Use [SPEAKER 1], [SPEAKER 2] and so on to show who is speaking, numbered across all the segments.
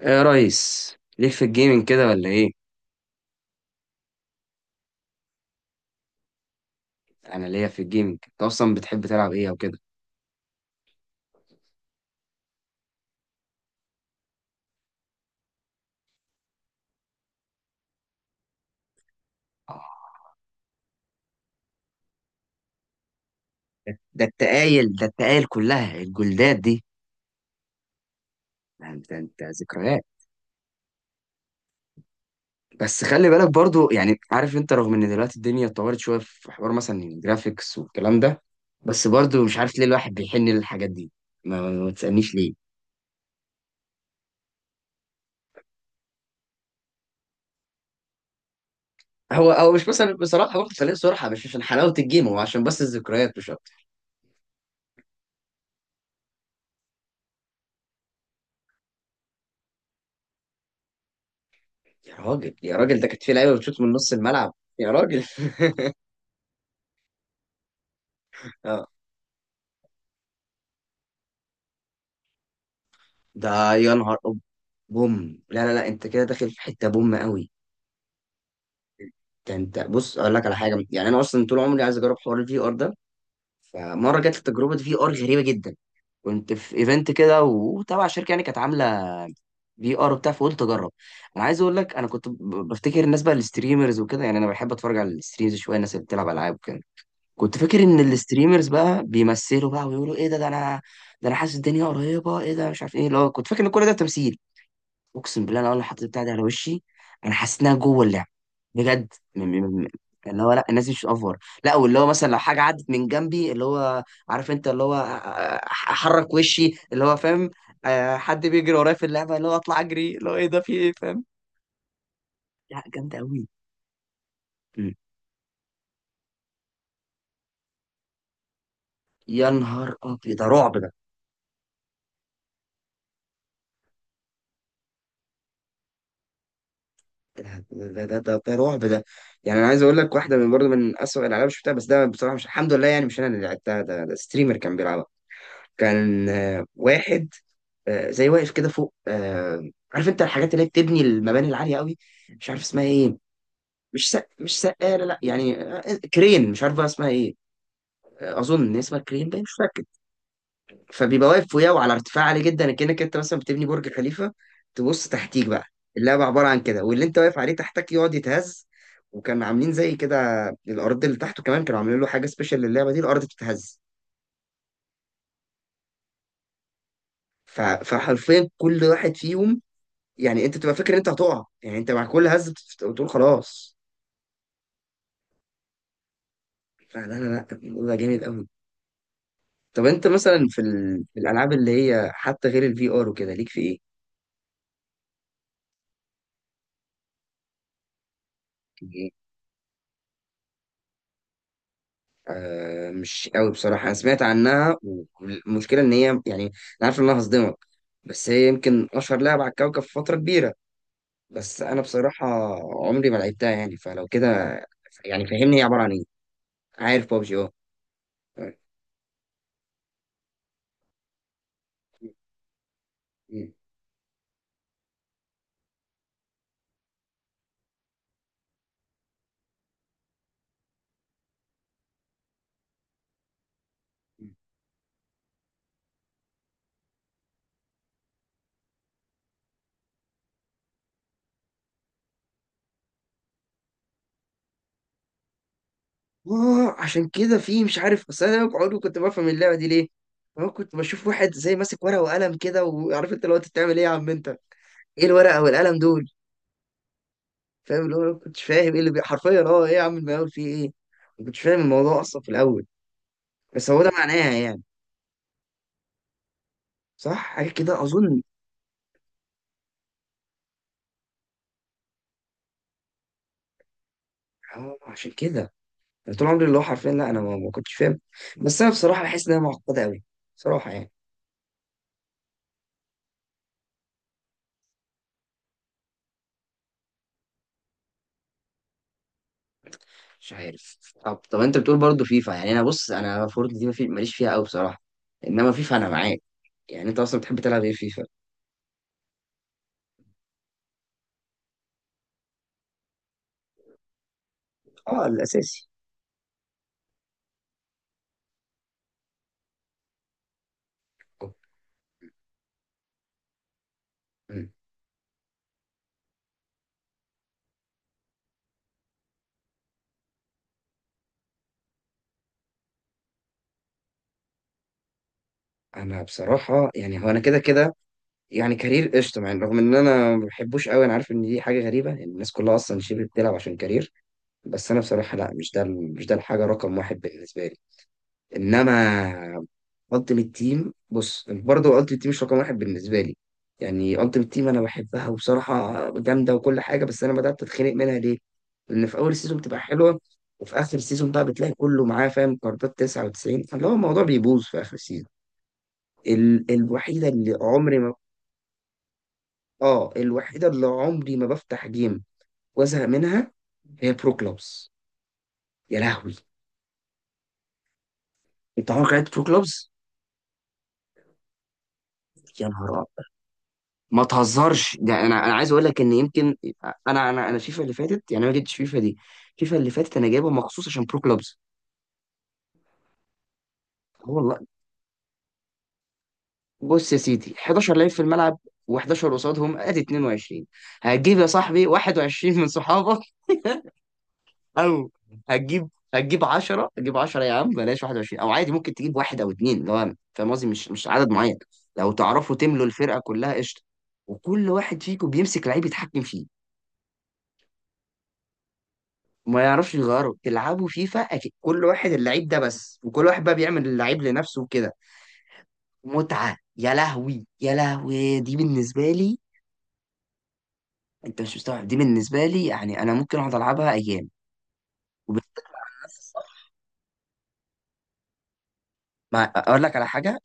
[SPEAKER 1] ايه يا ريس، ليك في الجيمنج كده ولا ايه؟ انا ليا في الجيمنج. انت اصلا بتحب تلعب ايه او كده؟ آه، ده التقايل، ده التقايل، كلها الجلدات دي. ده انت ذكريات. بس خلي بالك برضو، يعني عارف انت، رغم ان دلوقتي الدنيا اتطورت شويه في حوار مثلا الجرافيكس والكلام ده، بس برضو مش عارف ليه الواحد بيحن للحاجات دي. ما تسالنيش ليه. هو او مش مثلا بصراحه واخد فريق، صراحه مش عشان حلاوه الجيم، هو عشان بس الذكريات مش اكتر. يا راجل يا راجل، ده كانت في لعيبه بتشوط من نص الملعب. يا راجل. ده يا نهار بوم. لا لا لا، انت كده داخل في حته بوم قوي. ده انت بص، اقول لك على حاجه، يعني انا اصلا طول عمري عايز اجرب حوار الفي ار ده. فمره جات لي تجربه في ار غريبه جدا. كنت في ايفنت كده وتبع شركه يعني كانت عامله في ار وبتاع، فقلت اجرب. انا عايز اقول لك، انا كنت بفتكر الناس بقى الستريمرز وكده، يعني انا بحب اتفرج على الستريمز شويه، الناس اللي بتلعب العاب وكده. كنت فاكر ان الستريمرز بقى بيمثلوا بقى ويقولوا ايه ده، ده انا، ده انا حاسس الدنيا قريبه، ايه ده؟ مش عارف ايه اللي هو، كنت فاكر ان كل ده تمثيل. اقسم بالله انا اول ما حطيت بتاع ده على وشي، انا حسيت انها جوه اللعب بجد. يعني، اللي هو لا، الناس دي مش اوفر. لا، واللي هو مثلا لو حاجه عدت من جنبي، اللي هو عارف انت، اللي هو احرك وشي، اللي هو فاهم. حد بيجري ورايا في اللعبه، اللي هو اطلع اجري، اللي هو ايه ده، في ايه، فاهم. لا جامده قوي. مم. يا نهار ابيض، ده رعب ده. ده رعب ده. يعني انا عايز اقول لك واحده من برضه من اسوء الالعاب اللي شفتها، بس ده بصراحه، مش الحمد لله يعني مش انا اللي لعبتها، ده ستريمر كان بيلعبها. كان واحد زي واقف كده فوق، عارف انت الحاجات اللي هي بتبني المباني العاليه قوي، مش عارف اسمها ايه. مش سقاله، لا يعني، كرين، مش عارف بقى اسمها ايه. اظن ان اسمها كرين باين، مش فاكر. فبيبقى واقف فوقيه وعلى ارتفاع عالي جدا، كانك انت مثلا بتبني برج خليفه، تبص تحتيك بقى. اللعبه عباره عن كده، واللي انت واقف عليه تحتك يقعد يتهز. وكان عاملين زي كده، الارض اللي تحته كمان كانوا عاملين له حاجه سبيشال للعبه دي، الارض بتتهز. فحرفيا كل واحد فيهم، يعني انت بتبقى فاكر ان انت هتقع، يعني انت مع كل هزه بتقول خلاص. فلا لا لا، الموضوع ده جامد قوي. طب انت مثلا في الالعاب اللي هي حتى غير الفي ار وكده، ليك في ايه؟ يعني، آه مش قوي بصراحه، انا سمعت عنها والمشكله ان هي، يعني انا عارف ان انا هصدمك، بس هي يمكن اشهر لعبه على الكوكب في فتره كبيره، بس انا بصراحه عمري ما لعبتها. يعني فلو كده، يعني فهمني هي عباره عن ايه. عارف بابجي؟ اه. اه عشان كده في، مش عارف، بس انا عمري كنت بفهم اللعبه دي ليه. انا كنت بشوف واحد زي ماسك ورقه وقلم كده، وعارف انت لو انت بتعمل ايه، يا عم انت ايه الورقه والقلم دول؟ فاهم اللي هو، أنا ما كنتش فاهم ايه اللي حرفيا، اه ايه يا عم المقاول فيه ايه؟ ما كنتش فاهم الموضوع اصلا في الاول، بس هو ده معناها يعني، صح، حاجه كده اظن. اه، عشان كده أنا طول عمري اللي هو حرفيا، لا انا ما كنتش فاهم، بس انا بصراحه بحس انها معقده قوي، بصراحه يعني. مش عارف. طب انت بتقول برضه فيفا، يعني انا بص، انا فورتنايت دي ماليش فيها قوي بصراحه، انما فيفا انا معاك. يعني انت اصلا بتحب تلعب ايه في فيفا؟ اه الاساسي. مم. انا بصراحه يعني هو انا كده كده، يعني كارير قشطه، يعني رغم ان انا ما بحبوش قوي، انا عارف ان دي حاجه غريبه ان الناس كلها اصلا شبه بتلعب عشان كارير، بس انا بصراحه لا، مش ده مش ده الحاجه رقم واحد بالنسبه لي. انما التيمت تيم، بص برضه التيمت تيم مش رقم واحد بالنسبه لي. يعني التيمت تيم انا بحبها وبصراحه جامده وكل حاجه، بس انا بدات اتخنق منها ليه؟ لان في اول سيزون بتبقى حلوه، وفي اخر سيزون بقى بتلاقي كله معاه فاهم، كاردات 99، فاللي هو الموضوع بيبوظ في اخر سيزون. الوحيده اللي عمري ما، اه الوحيده اللي عمري ما بفتح جيم وازهق منها هي برو كلوبز. يا لهوي. انت عمرك لعبت برو كلوبز؟ يا نهار. ما تهزرش، ده انا عايز اقول لك ان يمكن انا فيفا اللي فاتت، يعني أنا ما جبتش فيفا دي. فيفا اللي فاتت انا جايبها مخصوص عشان برو كلوبز. والله. بص يا سيدي، 11 لعيب في الملعب و11 قصادهم، ادي 22. هتجيب يا صاحبي 21 من صحابك. او هتجيب 10، هتجيب 10 يا عم، بلاش 21، او عادي ممكن تجيب واحد او اتنين، اللي هو فاهم قصدي، مش عدد معين. لو تعرفوا تملوا الفرقه كلها، قشطه. وكل واحد فيكم بيمسك لعيب يتحكم فيه، ما يعرفش يغيره، تلعبوا فيفا أكيد، كل واحد اللعيب ده بس، وكل واحد بقى بيعمل اللعيب لنفسه وكده. متعة يا لهوي، يا لهوي دي بالنسبة لي. انت مش مستوعب دي بالنسبة لي، يعني انا ممكن اقعد العبها ايام، وبالذات مع الناس الصح. ما اقول لك على حاجة،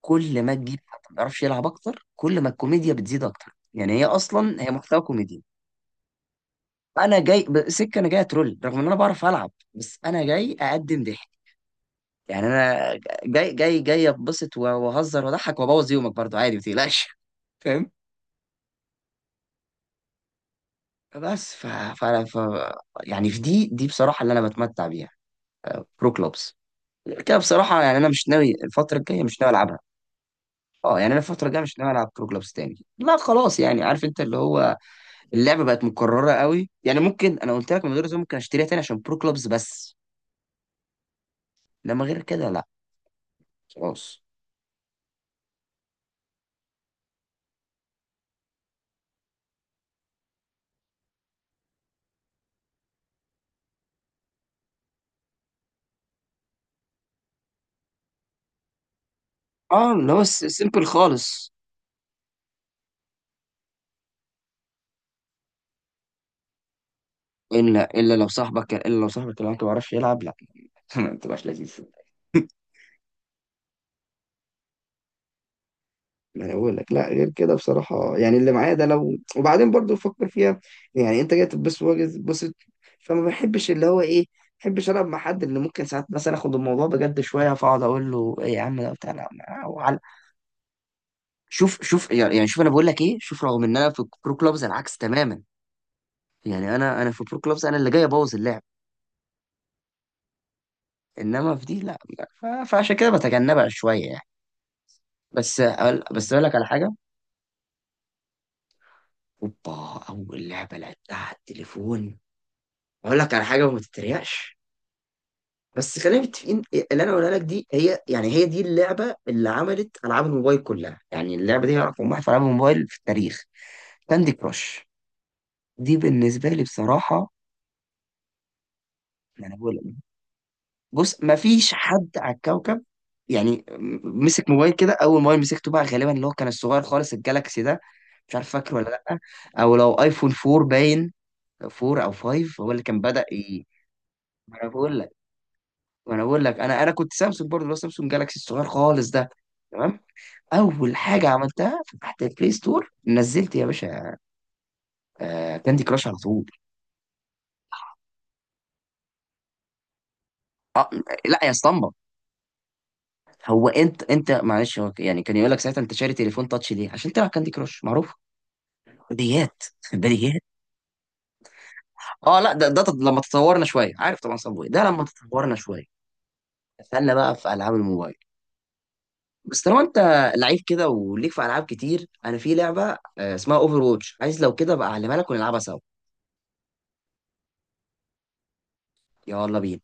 [SPEAKER 1] كل ما تجيب حد ما بيعرفش يلعب اكتر، كل ما الكوميديا بتزيد اكتر، يعني هي اصلا هي محتوى كوميدي. انا جاي اترول، رغم ان انا بعرف العب، بس انا جاي اقدم ضحك. يعني انا جاي اتبسط واهزر واضحك وابوظ يومك برضو عادي، ما تقلقش، فاهم. بس فانا ف... يعني في دي بصراحه اللي انا بتمتع بيها، برو كلوبس. كده بصراحه يعني، انا مش ناوي الفتره الجايه مش ناوي العبها. اه، يعني انا الفتره الجايه مش ناوي العب برو كلوبس تاني. لا خلاص، يعني عارف انت اللي هو اللعبه بقت مكرره قوي، يعني ممكن انا قلت لك من غير زوم ممكن اشتريها تاني عشان برو كلوبس بس، لما غير كده لا، خلاص. اه، اللي هو سيمبل خالص. الا لو صاحبك اللي هو انت ما بيعرفش يلعب. ما انت مش لذيذ. انا بقول لك لا، غير كده بصراحه يعني اللي معايا ده لو، وبعدين برضو فكر فيها، يعني انت جاي تتبسط وجاي تتبسط، فما بحبش اللي هو ايه، ما بحبش العب مع حد اللي ممكن ساعات مثلا اخد الموضوع بجد شويه، فاقعد اقول له ايه يا عم ده بتاع لا، شوف شوف، يعني شوف، انا بقول لك ايه، شوف رغم ان انا في برو كلوبز العكس تماما. يعني انا في برو كلوبز انا اللي جاي ابوظ اللعب، انما في دي لا لا. فعشان كده بتجنبها شويه يعني. بس بس اقول لك على حاجه. اوبا. اول لعبه لعبتها على التليفون، اقول لك على حاجه وما تتريقش، بس خلينا متفقين. اللي انا اقولها لك دي هي، يعني هي دي اللعبه اللي عملت العاب الموبايل كلها، يعني اللعبه دي هي رقم واحد في العاب الموبايل في التاريخ. كاندي كراش. دي بالنسبه لي بصراحه. يعني بقول لك، بص ما فيش حد على الكوكب، يعني مسك موبايل كده، اول موبايل مسكته بقى غالبا اللي هو كان الصغير خالص الجالاكسي ده، مش عارف فاكره ولا لا، او لو ايفون 4 باين، 4 او 5 هو اللي كان بدأ. ي... وانا بقول لك، انا كنت سامسونج برضه، اللي هو سامسونج جالاكسي الصغير خالص ده. تمام. اول حاجه عملتها فتحت البلاي ستور، نزلت يا باشا آه كاندي كراش على طول. لا يا اسطمبه. هو انت معلش هو يعني كان يقول لك ساعتها انت شاري تليفون تاتش ليه؟ عشان تلعب كاندي كراش معروف. بديهيات. بديهيات. اه لا ده لما تطورنا شويه، عارف طبعا صابوي ده، لما تطورنا شويه دخلنا بقى في العاب الموبايل. بس طالما انت لعيب كده وليك في العاب كتير، انا في لعبه اسمها اوفر ووتش، عايز لو كده بقى اعلمها لك ونلعبها سوا. يلا بينا.